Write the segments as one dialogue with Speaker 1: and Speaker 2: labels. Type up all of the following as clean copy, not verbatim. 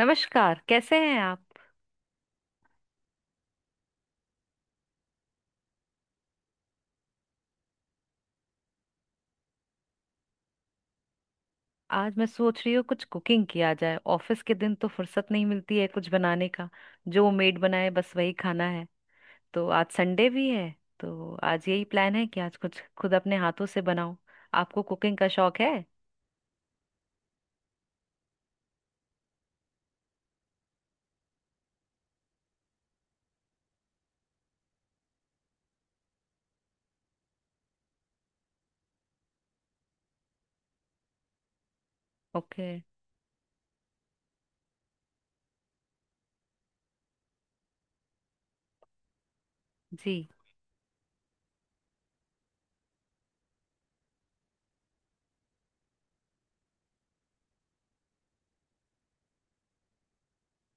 Speaker 1: नमस्कार, कैसे हैं आप। आज मैं सोच रही हूँ कुछ कुकिंग किया जाए। ऑफिस के दिन तो फुर्सत नहीं मिलती है कुछ बनाने का, जो मेड बनाए बस वही खाना है। तो आज संडे भी है, तो आज यही प्लान है कि आज कुछ खुद अपने हाथों से बनाऊं। आपको कुकिंग का शौक है। ओके। जी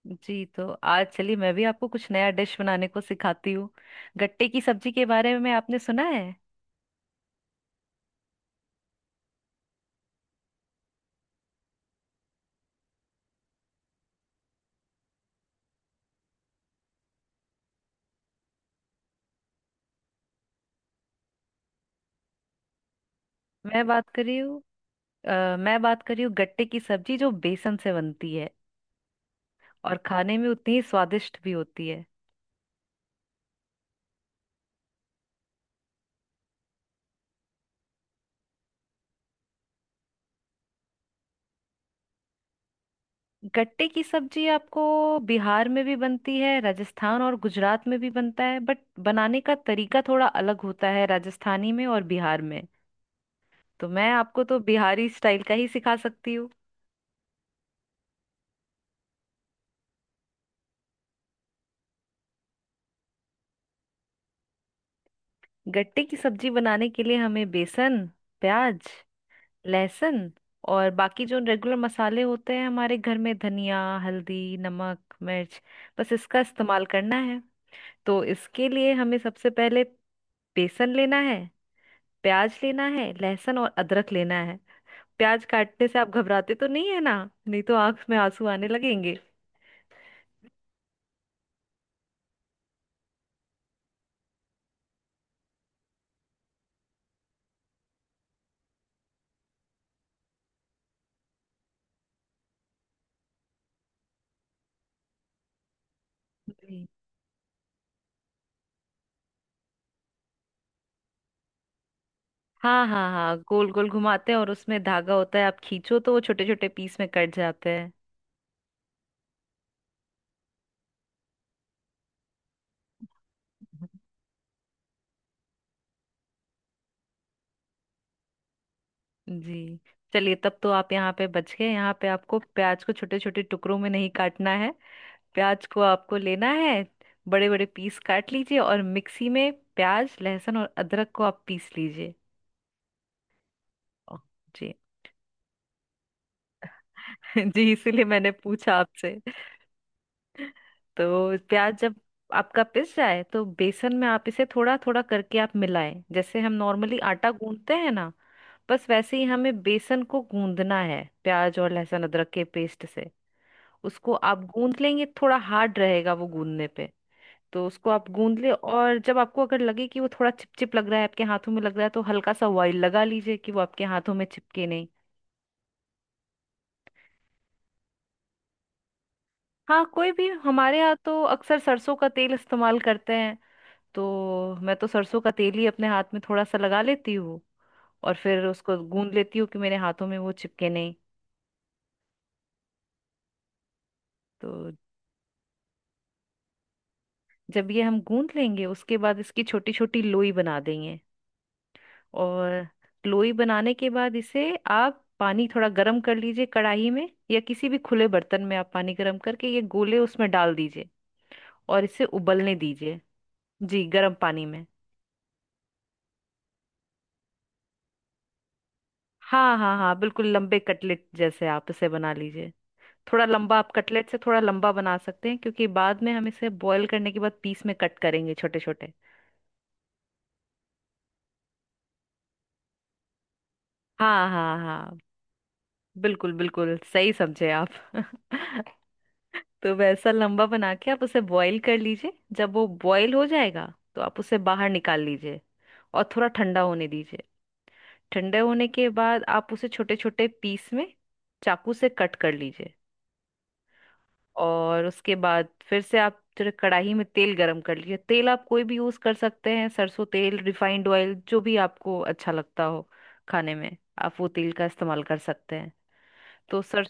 Speaker 1: जी, तो आज चलिए मैं भी आपको कुछ नया डिश बनाने को सिखाती हूँ। गट्टे की सब्जी के बारे में आपने सुना है। मैं बात कर रही हूँ, मैं बात कर रही हूँ गट्टे की सब्जी जो बेसन से बनती है और खाने में उतनी ही स्वादिष्ट भी होती है। गट्टे की सब्जी आपको बिहार में भी बनती है, राजस्थान और गुजरात में भी बनता है, बट बनाने का तरीका थोड़ा अलग होता है राजस्थानी में और बिहार में। तो मैं आपको तो बिहारी स्टाइल का ही सिखा सकती हूँ। गट्टे की सब्जी बनाने के लिए हमें बेसन, प्याज, लहसुन, और बाकी जो रेगुलर मसाले होते हैं हमारे घर में, धनिया, हल्दी, नमक, मिर्च, बस इसका इस्तेमाल करना है। तो इसके लिए हमें सबसे पहले बेसन लेना है, प्याज लेना है, लहसुन और अदरक लेना है। प्याज काटने से आप घबराते तो नहीं है ना, नहीं तो आंख में आंसू आने लगेंगे। जी। हाँ हाँ हाँ, गोल गोल घुमाते हैं और उसमें धागा होता है, आप खींचो तो वो छोटे छोटे पीस में कट जाते हैं। जी, चलिए तब तो आप यहाँ पे बच गए, यहाँ पे आपको प्याज को छोटे छोटे टुकड़ों में नहीं काटना है। प्याज को आपको लेना है, बड़े बड़े पीस काट लीजिए और मिक्सी में प्याज, लहसुन और अदरक को आप पीस लीजिए। ओ, जी। जी, इसीलिए मैंने पूछा आपसे। तो प्याज जब आपका पिस जाए तो बेसन में आप इसे थोड़ा थोड़ा करके आप मिलाएं, जैसे हम नॉर्मली आटा गूंदते हैं ना, बस वैसे ही हमें बेसन को गूंदना है प्याज और लहसुन अदरक के पेस्ट से। उसको आप गूंद लेंगे, थोड़ा हार्ड रहेगा वो गूंदने पे। तो उसको आप गूंद ले, और जब आपको अगर लगे कि वो थोड़ा चिपचिप लग रहा है, आपके हाथों में लग रहा है, तो हल्का सा ऑयल लगा लीजिए कि वो आपके हाथों में चिपके नहीं। हाँ, कोई भी। हमारे यहाँ तो अक्सर सरसों का तेल इस्तेमाल करते हैं, तो मैं तो सरसों का तेल ही अपने हाथ में थोड़ा सा लगा लेती हूँ और फिर उसको गूंद लेती हूँ कि मेरे हाथों में वो चिपके नहीं। तो जब ये हम गूंद लेंगे उसके बाद इसकी छोटी छोटी लोई बना देंगे। और लोई बनाने के बाद इसे आप पानी थोड़ा गर्म कर लीजिए कढ़ाई में या किसी भी खुले बर्तन में, आप पानी गर्म करके ये गोले उसमें डाल दीजिए और इसे उबलने दीजिए। जी, गर्म पानी में। हाँ हाँ हाँ, बिल्कुल लंबे कटलेट जैसे आप इसे बना लीजिए। थोड़ा लंबा, आप कटलेट से थोड़ा लंबा बना सकते हैं क्योंकि बाद में हम इसे बॉईल करने के बाद पीस में कट करेंगे छोटे छोटे। हाँ हाँ हाँ, बिल्कुल बिल्कुल, सही समझे आप। तो वैसा लंबा बना के आप उसे बॉईल कर लीजिए। जब वो बॉईल हो जाएगा तो आप उसे बाहर निकाल लीजिए और थोड़ा ठंडा होने दीजिए। ठंडे होने के बाद आप उसे छोटे छोटे पीस में चाकू से कट कर लीजिए। और उसके बाद फिर से आप फिर कढ़ाई में तेल गरम कर लीजिए। तेल आप कोई भी यूज कर सकते हैं, सरसों तेल, रिफाइंड ऑयल, जो भी आपको अच्छा लगता हो खाने में आप वो तेल का इस्तेमाल कर सकते हैं। तो सर।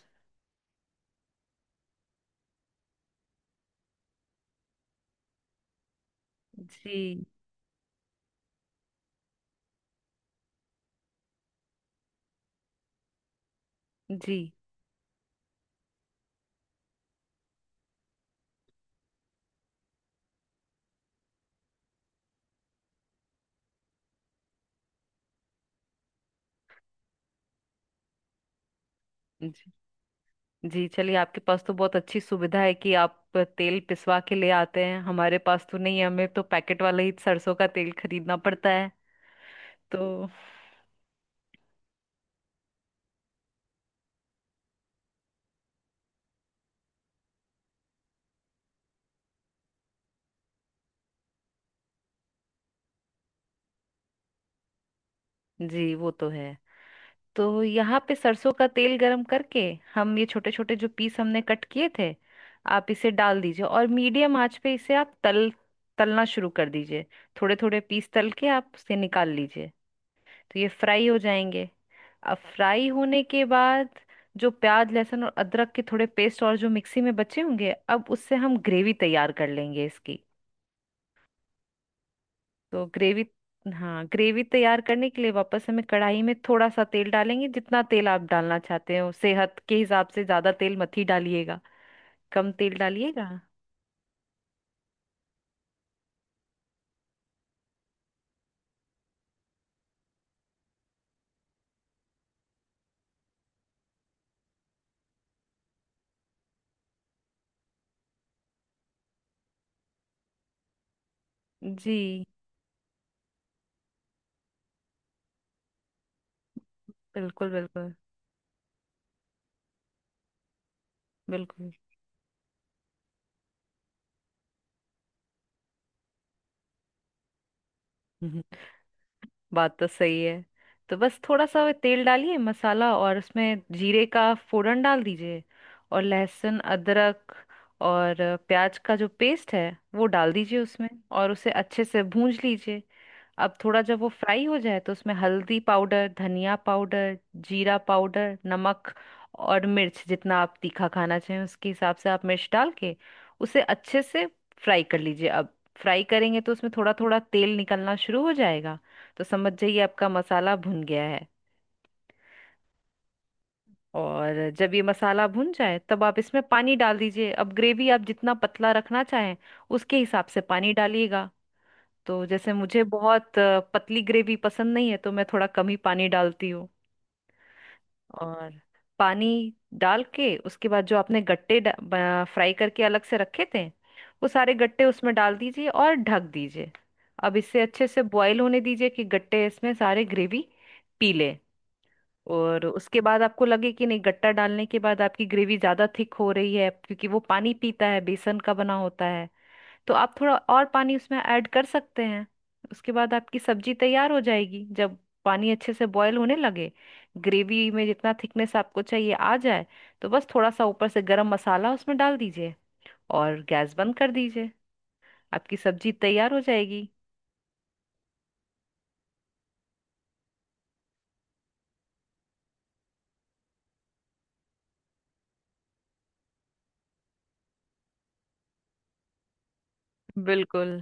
Speaker 1: जी जी। जी जी, चलिए आपके पास तो बहुत अच्छी सुविधा है कि आप तेल पिसवा के ले आते हैं। हमारे पास तो नहीं है, हमें तो पैकेट वाला ही सरसों का तेल खरीदना पड़ता है। तो जी, वो तो है। तो यहाँ पे सरसों का तेल गरम करके हम ये छोटे छोटे जो पीस हमने कट किए थे, आप इसे डाल दीजिए और मीडियम आंच पे इसे आप तल, तलना शुरू कर दीजिए। थोड़े थोड़े पीस तल के आप उसे निकाल लीजिए, तो ये फ्राई हो जाएंगे। अब फ्राई होने के बाद जो प्याज लहसुन और अदरक के थोड़े पेस्ट और जो मिक्सी में बचे होंगे, अब उससे हम ग्रेवी तैयार कर लेंगे इसकी। तो ग्रेवी, हाँ ग्रेवी तैयार करने के लिए वापस हमें कढ़ाई में थोड़ा सा तेल डालेंगे। जितना तेल आप डालना चाहते हो सेहत के हिसाब से, ज्यादा तेल मत ही डालिएगा, कम तेल डालिएगा। जी बिल्कुल, बिल्कुल बिल्कुल। हम्म, बात तो सही है। तो बस थोड़ा सा वो तेल डालिए, मसाला, और उसमें जीरे का फोड़न डाल दीजिए, और लहसुन, अदरक और प्याज का जो पेस्ट है वो डाल दीजिए उसमें, और उसे अच्छे से भूंज लीजिए। अब थोड़ा जब वो फ्राई हो जाए तो उसमें हल्दी पाउडर, धनिया पाउडर, जीरा पाउडर, नमक और मिर्च जितना आप तीखा खाना चाहें उसके हिसाब से आप मिर्च डाल के उसे अच्छे से फ्राई कर लीजिए। अब फ्राई करेंगे तो उसमें थोड़ा थोड़ा तेल निकलना शुरू हो जाएगा, तो समझ जाइए आपका मसाला भुन गया है। और जब ये मसाला भुन जाए तब आप इसमें पानी डाल दीजिए। अब ग्रेवी आप जितना पतला रखना चाहें उसके हिसाब से पानी डालिएगा। तो जैसे मुझे बहुत पतली ग्रेवी पसंद नहीं है, तो मैं थोड़ा कम ही पानी डालती हूँ। और पानी डाल के उसके बाद जो आपने गट्टे फ्राई करके अलग से रखे थे, वो सारे गट्टे उसमें डाल दीजिए और ढक दीजिए। अब इसे अच्छे से बॉईल होने दीजिए कि गट्टे इसमें सारे ग्रेवी पी ले। और उसके बाद आपको लगे कि नहीं, गट्टा डालने के बाद आपकी ग्रेवी ज़्यादा थिक हो रही है क्योंकि वो पानी पीता है, बेसन का बना होता है, तो आप थोड़ा और पानी उसमें ऐड कर सकते हैं। उसके बाद आपकी सब्जी तैयार हो जाएगी। जब पानी अच्छे से बॉयल होने लगे, ग्रेवी में जितना थिकनेस आपको चाहिए आ जाए, तो बस थोड़ा सा ऊपर से गरम मसाला उसमें डाल दीजिए और गैस बंद कर दीजिए। आपकी सब्जी तैयार हो जाएगी। बिल्कुल।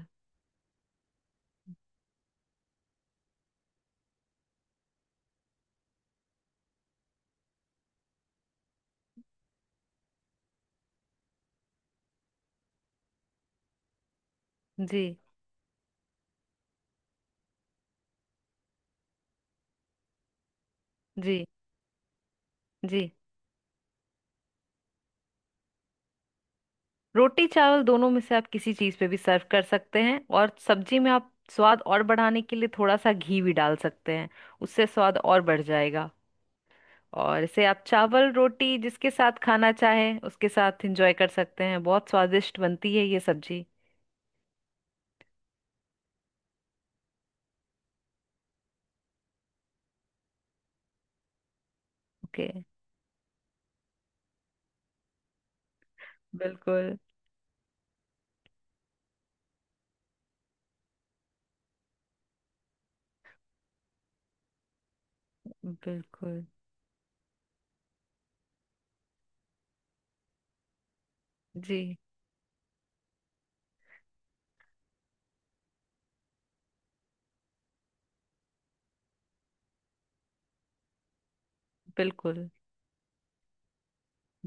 Speaker 1: जी जी जी, रोटी चावल दोनों में से आप किसी चीज़ पे भी सर्व कर सकते हैं, और सब्जी में आप स्वाद और बढ़ाने के लिए थोड़ा सा घी भी डाल सकते हैं, उससे स्वाद और बढ़ जाएगा। और इसे आप चावल रोटी जिसके साथ खाना चाहें उसके साथ एंजॉय कर सकते हैं, बहुत स्वादिष्ट बनती है ये सब्जी। ओके। बिल्कुल बिल्कुल। जी बिल्कुल,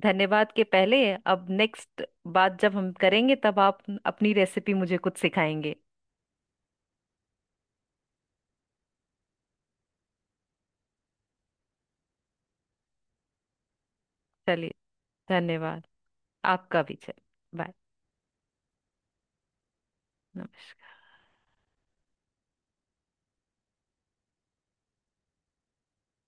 Speaker 1: धन्यवाद के पहले, अब नेक्स्ट बात जब हम करेंगे तब आप अपनी रेसिपी मुझे कुछ सिखाएंगे। चलिए, धन्यवाद। आपका भी। चलिए बाय। नमस्कार।